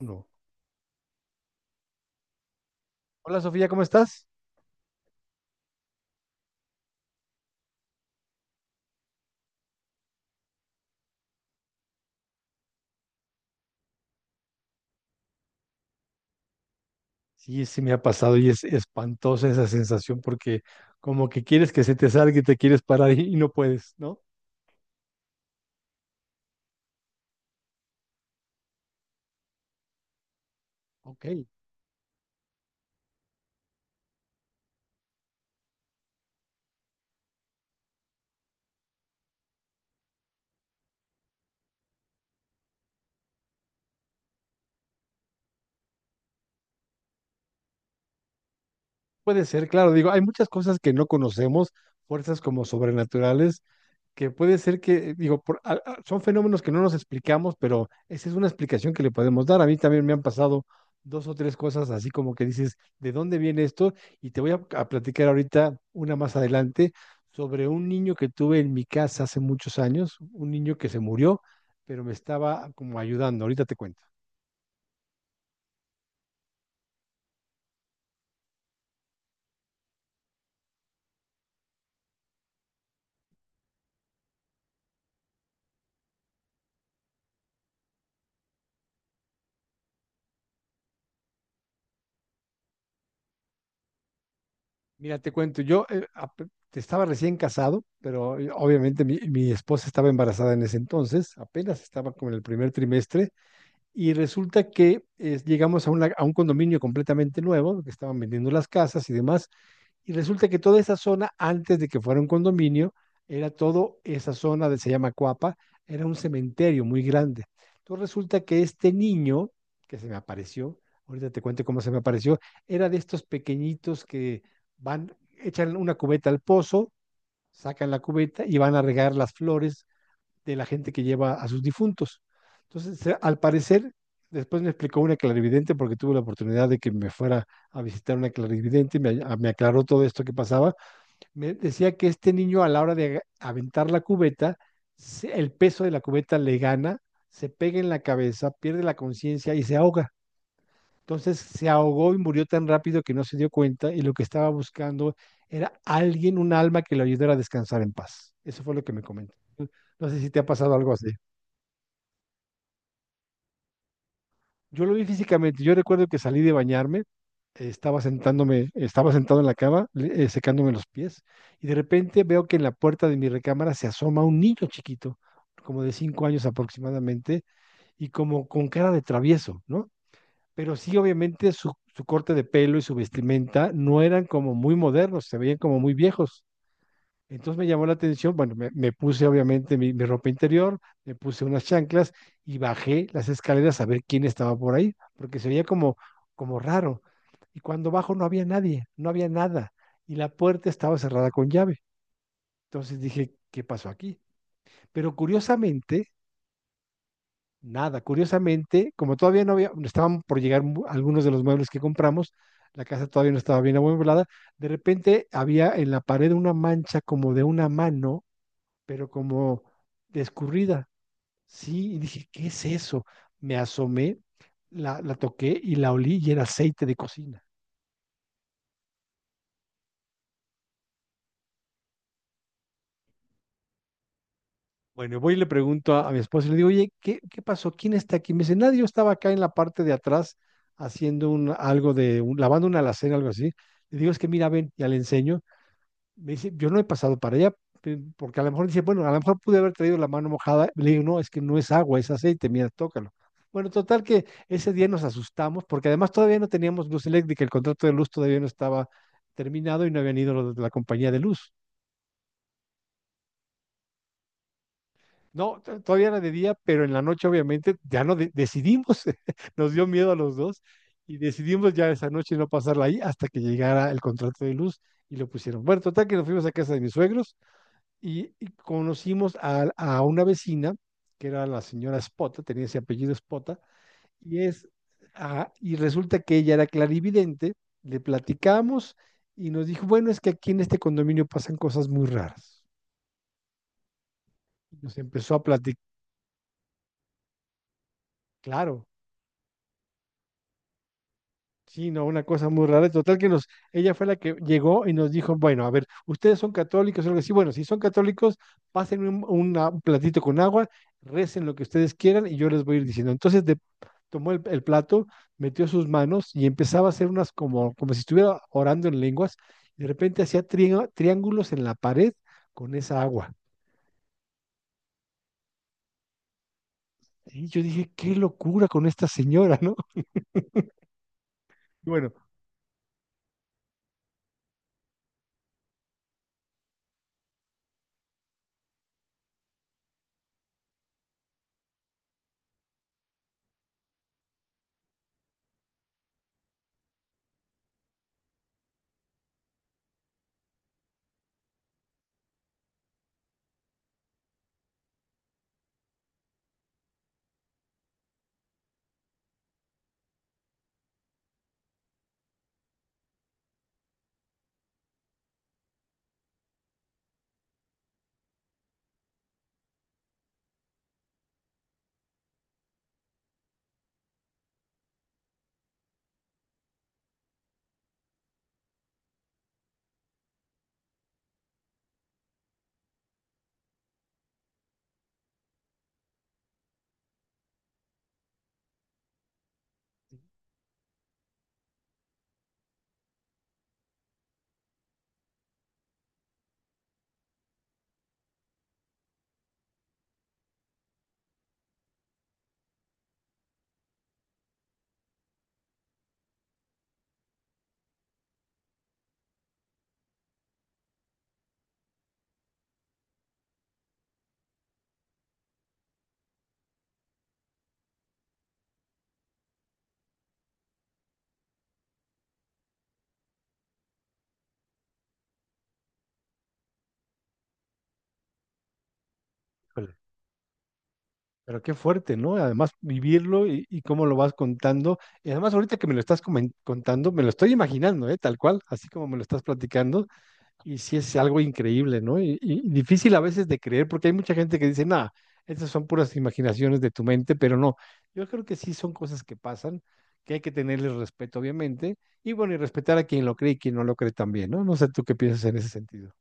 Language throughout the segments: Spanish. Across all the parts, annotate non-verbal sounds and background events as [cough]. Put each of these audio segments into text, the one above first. Uno. Hola Sofía, ¿cómo estás? Sí, sí, me ha pasado y es espantosa esa sensación porque como que quieres que se te salga y te quieres parar y no puedes, ¿no? Ok, puede ser, claro, digo, hay muchas cosas que no conocemos, fuerzas como sobrenaturales que puede ser que, digo, son fenómenos que no nos explicamos, pero esa es una explicación que le podemos dar. A mí también me han pasado dos o tres cosas así como que dices, ¿de dónde viene esto? Y te voy a platicar ahorita una más adelante sobre un niño que tuve en mi casa hace muchos años, un niño que se murió, pero me estaba como ayudando. Ahorita te cuento. Mira, te cuento, yo te estaba recién casado, pero obviamente mi esposa estaba embarazada en ese entonces, apenas estaba como en el primer trimestre. Y resulta que llegamos a, a un condominio completamente nuevo, que estaban vendiendo las casas y demás, y resulta que toda esa zona, antes de que fuera un condominio, era todo esa zona de, se llama Cuapa, era un cementerio muy grande. Entonces resulta que este niño que se me apareció, ahorita te cuento cómo se me apareció, era de estos pequeñitos que van, echan una cubeta al pozo, sacan la cubeta y van a regar las flores de la gente que lleva a sus difuntos. Entonces, al parecer, después me explicó una clarividente porque tuve la oportunidad de que me fuera a visitar una clarividente, y me, me aclaró todo esto que pasaba. Me decía que este niño a la hora de aventar la cubeta, el peso de la cubeta le gana, se pega en la cabeza, pierde la conciencia y se ahoga. Entonces se ahogó y murió tan rápido que no se dio cuenta y lo que estaba buscando era alguien, un alma que lo ayudara a descansar en paz. Eso fue lo que me comentó. No sé si te ha pasado algo así. Yo lo vi físicamente. Yo recuerdo que salí de bañarme, estaba sentándome, estaba sentado en la cama, secándome los pies, y de repente veo que en la puerta de mi recámara se asoma un niño chiquito, como de 5 años aproximadamente, y como con cara de travieso, ¿no? Pero sí, obviamente, su corte de pelo y su vestimenta no eran como muy modernos, se veían como muy viejos. Entonces me llamó la atención, bueno, me puse obviamente mi ropa interior, me puse unas chanclas y bajé las escaleras a ver quién estaba por ahí, porque se veía como, como raro. Y cuando bajo no había nadie, no había nada, y la puerta estaba cerrada con llave. Entonces dije, ¿qué pasó aquí? Pero curiosamente, nada, curiosamente, como todavía no había, estaban por llegar algunos de los muebles que compramos, la casa todavía no estaba bien amueblada, de repente había en la pared una mancha como de una mano pero como de escurrida. Sí, y dije, ¿qué es eso? Me asomé, la toqué y la olí y era aceite de cocina. Bueno, voy y le pregunto a mi esposo y le digo, oye, ¿qué pasó? ¿Quién está aquí? Me dice, nadie, yo estaba acá en la parte de atrás haciendo un, algo de, lavando una alacena, algo así. Le digo, es que mira, ven, ya le enseño. Me dice, yo no he pasado para allá, porque a lo mejor dice, bueno, a lo mejor pude haber traído la mano mojada. Le digo, no, es que no es agua, es aceite, mira, tócalo. Bueno, total que ese día nos asustamos, porque además todavía no teníamos luz eléctrica, el contrato de luz todavía no estaba terminado y no habían ido los de la compañía de luz. No, todavía era de día, pero en la noche obviamente ya no decidimos, [laughs] nos dio miedo a los dos y decidimos ya esa noche no pasarla ahí hasta que llegara el contrato de luz y lo pusieron. Bueno, total que nos fuimos a casa de mis suegros y conocimos a una vecina, que era la señora Spota, tenía ese apellido Spota, y es, ah, y resulta que ella era clarividente, le platicamos y nos dijo, bueno, es que aquí en este condominio pasan cosas muy raras. Nos empezó a platicar, claro, sí, no, una cosa muy rara. Total que nos, ella fue la que llegó y nos dijo, bueno, a ver, ustedes son católicos, o algo así. Bueno, si son católicos, pasen un, un platito con agua, recen lo que ustedes quieran y yo les voy a ir diciendo. Entonces tomó el plato, metió sus manos y empezaba a hacer unas como, como si estuviera orando en lenguas. Y de repente hacía triángulos en la pared con esa agua. Y yo dije, qué locura con esta señora, ¿no? [laughs] Y bueno, pero qué fuerte, ¿no? Además, vivirlo y cómo lo vas contando. Y además, ahorita que me lo estás contando, me lo estoy imaginando, ¿eh? Tal cual, así como me lo estás platicando. Y sí es algo increíble, ¿no? Y difícil a veces de creer, porque hay mucha gente que dice, nada, estas son puras imaginaciones de tu mente, pero no, yo creo que sí son cosas que pasan, que hay que tenerles respeto, obviamente, y bueno, y respetar a quien lo cree y quien no lo cree también, ¿no? No sé tú qué piensas en ese sentido.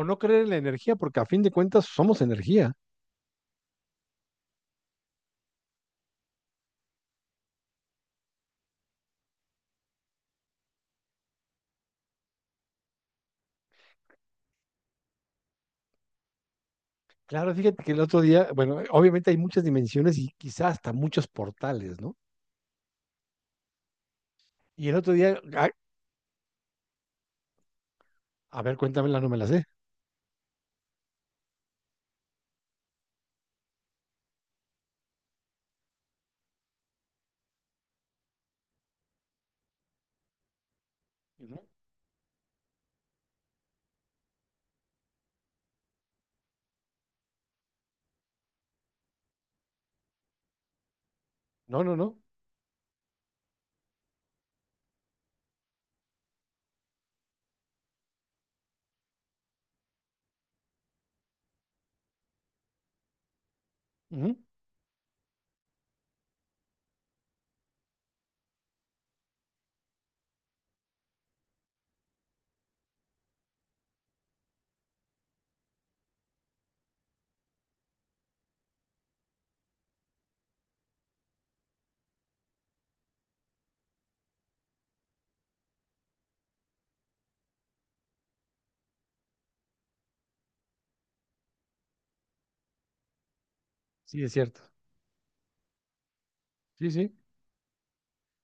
O no creer en la energía, porque a fin de cuentas somos energía. Claro, fíjate que el otro día, bueno, obviamente hay muchas dimensiones y quizás hasta muchos portales, ¿no? Y el otro día, ah, a ver, cuéntamela, no me la sé. Ujú. No, no, no. Ujú. Sí, es cierto. Sí, sí.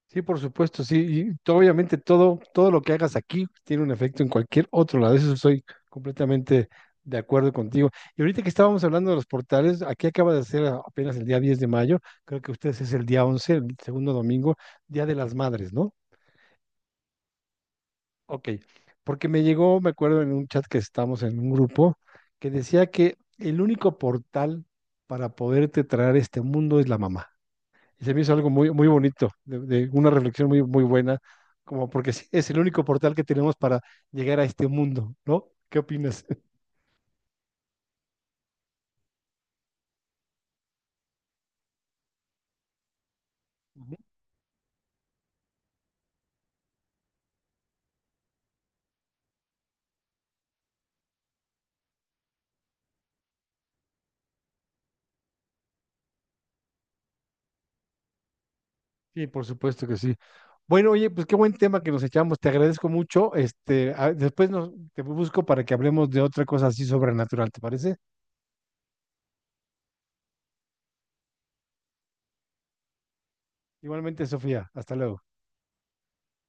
Sí, por supuesto, sí. Y obviamente todo, todo lo que hagas aquí tiene un efecto en cualquier otro lado. Eso estoy completamente de acuerdo contigo. Y ahorita que estábamos hablando de los portales, aquí acaba de ser apenas el día 10 de mayo, creo que ustedes es el día 11, el segundo domingo, Día de las Madres, ¿no? Ok, porque me llegó, me acuerdo en un chat que estamos en un grupo, que decía que el único portal para poderte traer a este mundo es la mamá. Y se me hizo algo muy, muy bonito, de una reflexión muy, muy buena, como porque sí, es el único portal que tenemos para llegar a este mundo, ¿no? ¿Qué opinas? [laughs] Ujú. Sí, por supuesto que sí. Bueno, oye, pues qué buen tema que nos echamos. Te agradezco mucho. Este, después nos, te busco para que hablemos de otra cosa así sobrenatural, ¿te parece? Igualmente, Sofía, hasta luego.